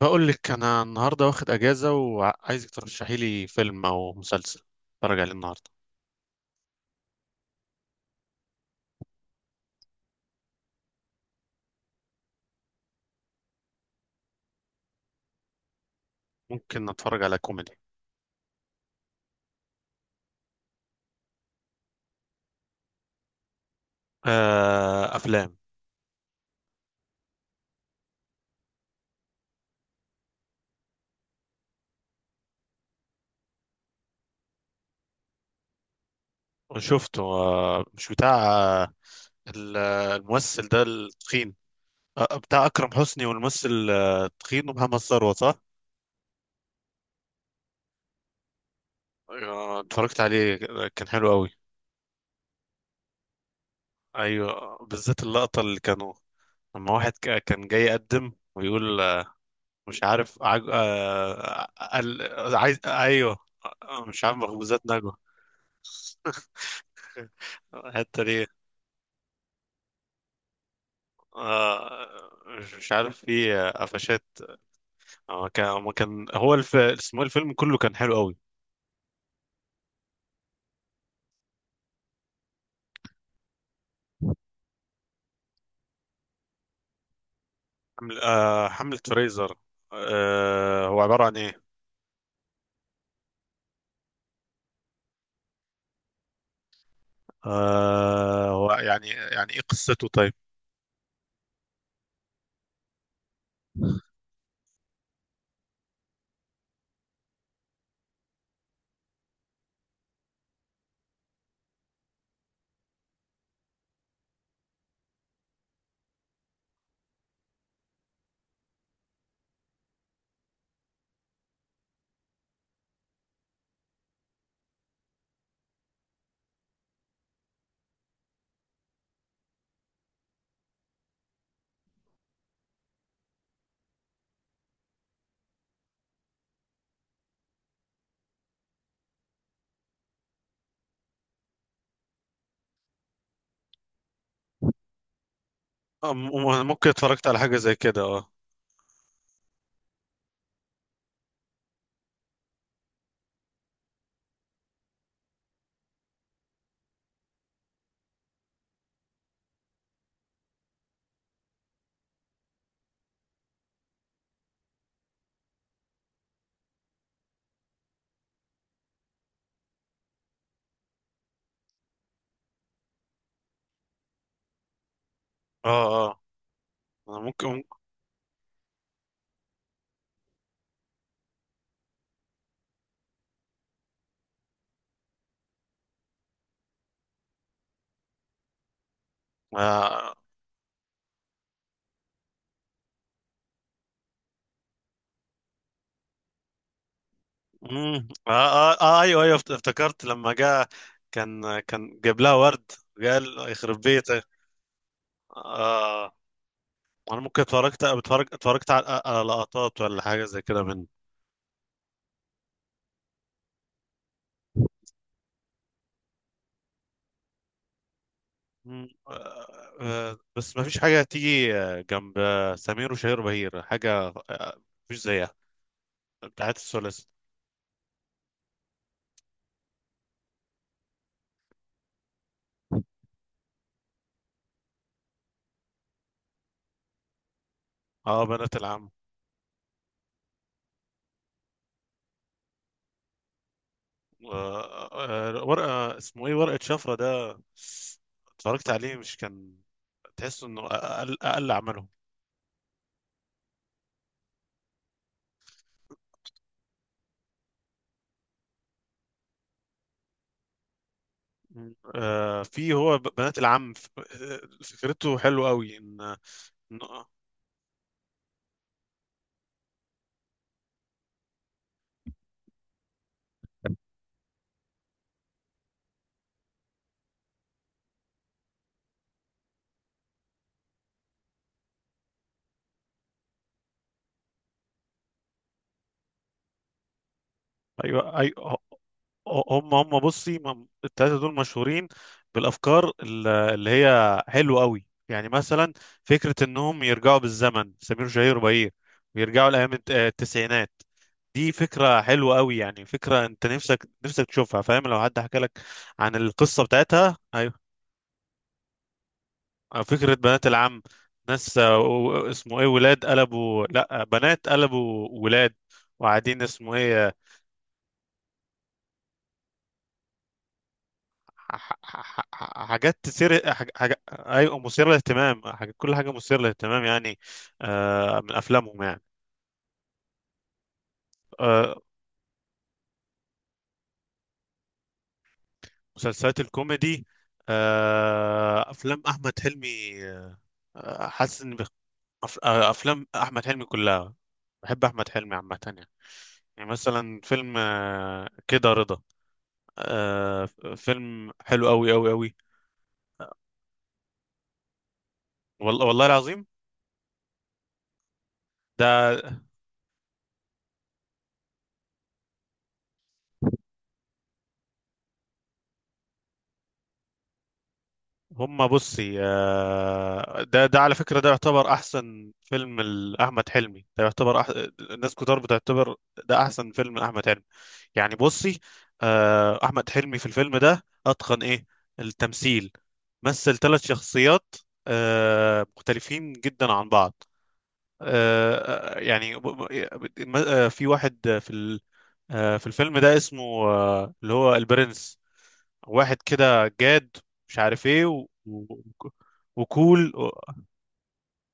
بقول لك انا النهارده واخد اجازه وعايزك ترشحي لي فيلم او مسلسل اتفرج عليه النهارده. ممكن اتفرج على كوميدي. آه، افلام. شفته، آه، مش بتاع آه الممثل ده التخين، بتاع اكرم حسني، والممثل، التخين، ومحمد ثروت، صح؟ آه، اتفرجت عليه، كان حلو قوي. ايوه، بالذات اللقطه اللي كانوا، لما واحد كان جاي يقدم ويقول، مش عارف عايز، ايوه. آه، مش عارف، مخبوزات نجوى. الحته دي. آه... مش عارف، في قفشات. هو كان اسمه إيه، الفيلم كله كان حلو قوي. حملة فريزر. هو عبارة عن ايه؟ هو يعني، يعني ايه قصته، طيب؟ آه، ممكن اتفرجت على حاجة زي كده، اه. اه، اه، ممكن. ايوه، ايوه، افتكرت لما جاء، كان جاب لها ورد، قال يخرب بيتك. آه. انا ممكن اتفرجت على لقطات ولا حاجه زي كده من. مم. بس ما فيش حاجه تيجي جنب سمير وشهير وبهير، حاجه مفيش زيها، بتاعت الثلاثي. اه، بنات العم. آه، ورقه، اسمه ايه، ورقه شفره ده. اتفرجت عليه، مش كان، تحس انه اقل عملهم. في هو بنات العم، فكرته حلوه قوي ان. إن- ايوه، ايوه. هم بصي، التلاتة دول مشهورين بالافكار، اللي هي حلوه قوي، يعني مثلا فكره انهم يرجعوا بالزمن، سمير وشهير وبهير، ويرجعوا لايام التسعينات. دي فكره حلوه قوي، يعني فكره انت نفسك تشوفها، فاهم، لو حد حكى لك عن القصه بتاعتها. آه، فكرة بنات العم. ناس، اسمه ايه، ولاد قلبوا، لا بنات قلبوا ولاد، وقاعدين اسمه ايه. حاجات تثير ايوه، مثيرة للاهتمام، كل حاجة مثيرة للاهتمام يعني. آه، من افلامهم يعني. آه، مسلسلات الكوميدي، آه، افلام احمد حلمي. آه، حاسس ان بخ- أف... آه، افلام احمد حلمي كلها، بحب احمد حلمي عامة يعني. يعني مثلا فيلم كده رضا. آه، فيلم حلو قوي قوي قوي. والله، والله العظيم. ده، هما بصي، آه، ده على فكرة، ده يعتبر أحسن فيلم لأحمد حلمي، الناس كتار بتعتبر ده أحسن فيلم لأحمد حلمي. يعني بصي، آه، أحمد حلمي في الفيلم ده أتقن إيه، التمثيل، مثل ثلاث شخصيات، آه، مختلفين جدا عن بعض. آه في واحد في الفيلم ده اسمه، اللي هو البرنس، واحد كده جاد، مش عارف ايه وكول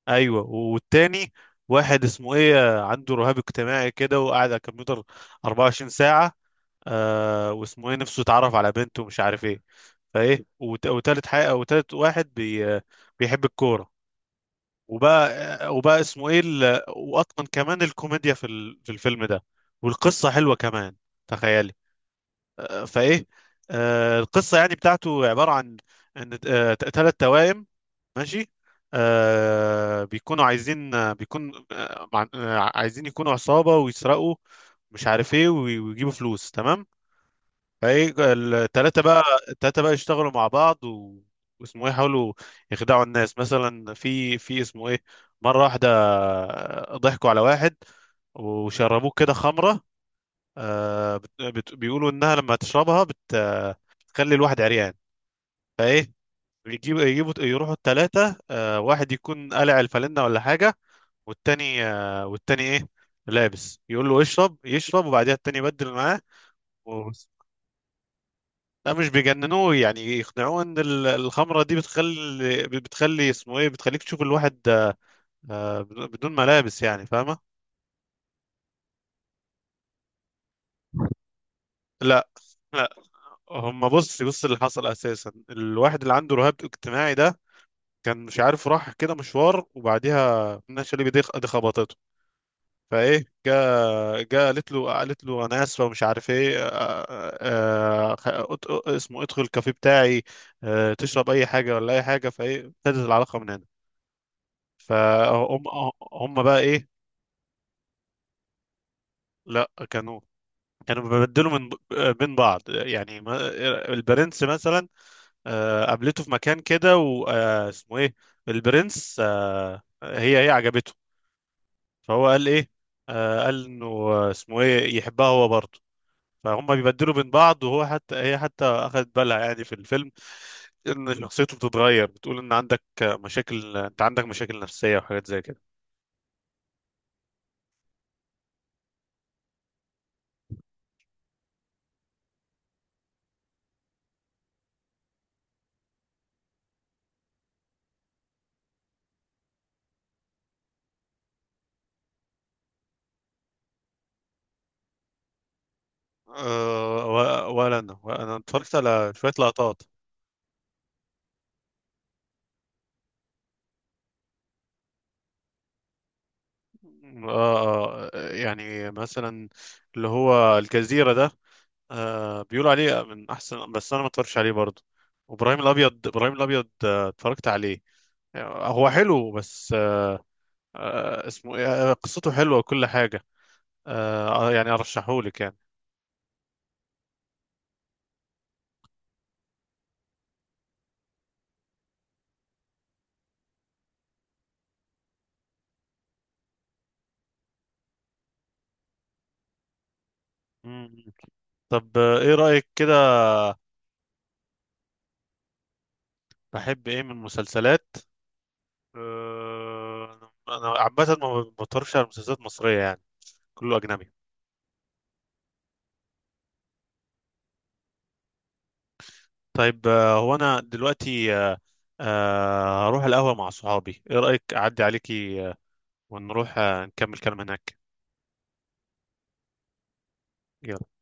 ايوه، والتاني واحد اسمه ايه، عنده رهاب اجتماعي كده، وقاعد على الكمبيوتر 24 ساعة. آه، واسمه ايه، نفسه يتعرف على بنته ومش عارف ايه. فايه وتالت حاجة، وتالت واحد بي... آه، بيحب الكورة. وبقى، وبقى اسمه ايه واتقن كمان الكوميديا في الفيلم ده. والقصة حلوة كمان، تخيل. فايه القصه يعني بتاعته عباره عن ان ثلاث توائم، ماشي، آه، بيكونوا عايزين، آه، بيكون آه مع- آه، عايزين يكونوا عصابه ويسرقوا، مش عارف ايه، ويجيبوا فلوس، تمام. فايه الثلاثه بقى، الثلاثه بقى يشتغلوا مع بعض واسمه ايه، يحاولوا يخدعوا الناس، مثلا في اسمه ايه، مره واحده، آه، ضحكوا على واحد، وشربوه كده خمره. آه، بيقولوا انها لما تشربها بت... آه، بتخلي الواحد عريان. فايه يجيبوا يروحوا الثلاثه، آه، واحد يكون قلع الفالنة ولا حاجه، والتاني ايه، لابس، يقول له اشرب، يشرب، وبعدها التاني يبدل معاه و... لا، مش بيجننوه، يعني يقنعوه ان الخمره دي بتخلي اسمه ايه، بتخليك تشوف الواحد، آه، بدون ملابس، يعني، فاهمه؟ لا، لا، هم بص، اللي حصل اساسا الواحد اللي عنده رهاب اجتماعي ده، كان مش عارف، راح كده مشوار، وبعديها منى شلبي دي، خبطته. فايه، جا قالت له انا اسفه، ومش عارف ايه، اسمه ادخل الكافيه بتاعي، آه، تشرب اي حاجه ولا اي حاجه. فايه ابتدت العلاقه من هنا. فهم، هم بقى ايه. لا، كانوا بيبدلوا من بين بعض، يعني البرنس مثلا، آه، قابلته في مكان كده واسمه ايه، البرنس، آه، هي عجبته، فهو قال ايه، آه، قال انه اسمه ايه، يحبها هو برضه. فهم بيبدلوا بين بعض، وهو حتى، هي حتى اخذت بالها يعني في الفيلم، ان شخصيته بتتغير، بتقول ان عندك مشاكل، انت عندك مشاكل نفسية وحاجات زي كده. أه، ولا انا اتفرجت على شوية لقطات. أه، يعني مثلا اللي هو الجزيرة ده، أه، بيقولوا عليه من احسن، بس انا ما اتفرجش عليه برضه. وابراهيم الابيض، ابراهيم الابيض آه، اتفرجت عليه، آه، هو حلو. بس آه، اسمه إيه؟ آه، قصته حلوة وكل حاجة. آه، يعني أرشحهولك يعني. مم. طب، آه، إيه رأيك كده؟ بحب إيه من المسلسلات؟ آه، أنا عامة ما بتفرجش على مسلسلات مصرية يعني، كله أجنبي. طيب، آه، هو أنا دلوقتي هروح القهوة مع صحابي، إيه رأيك أعدي عليكي، آه، ونروح آه، نكمل كلام هناك. يلا.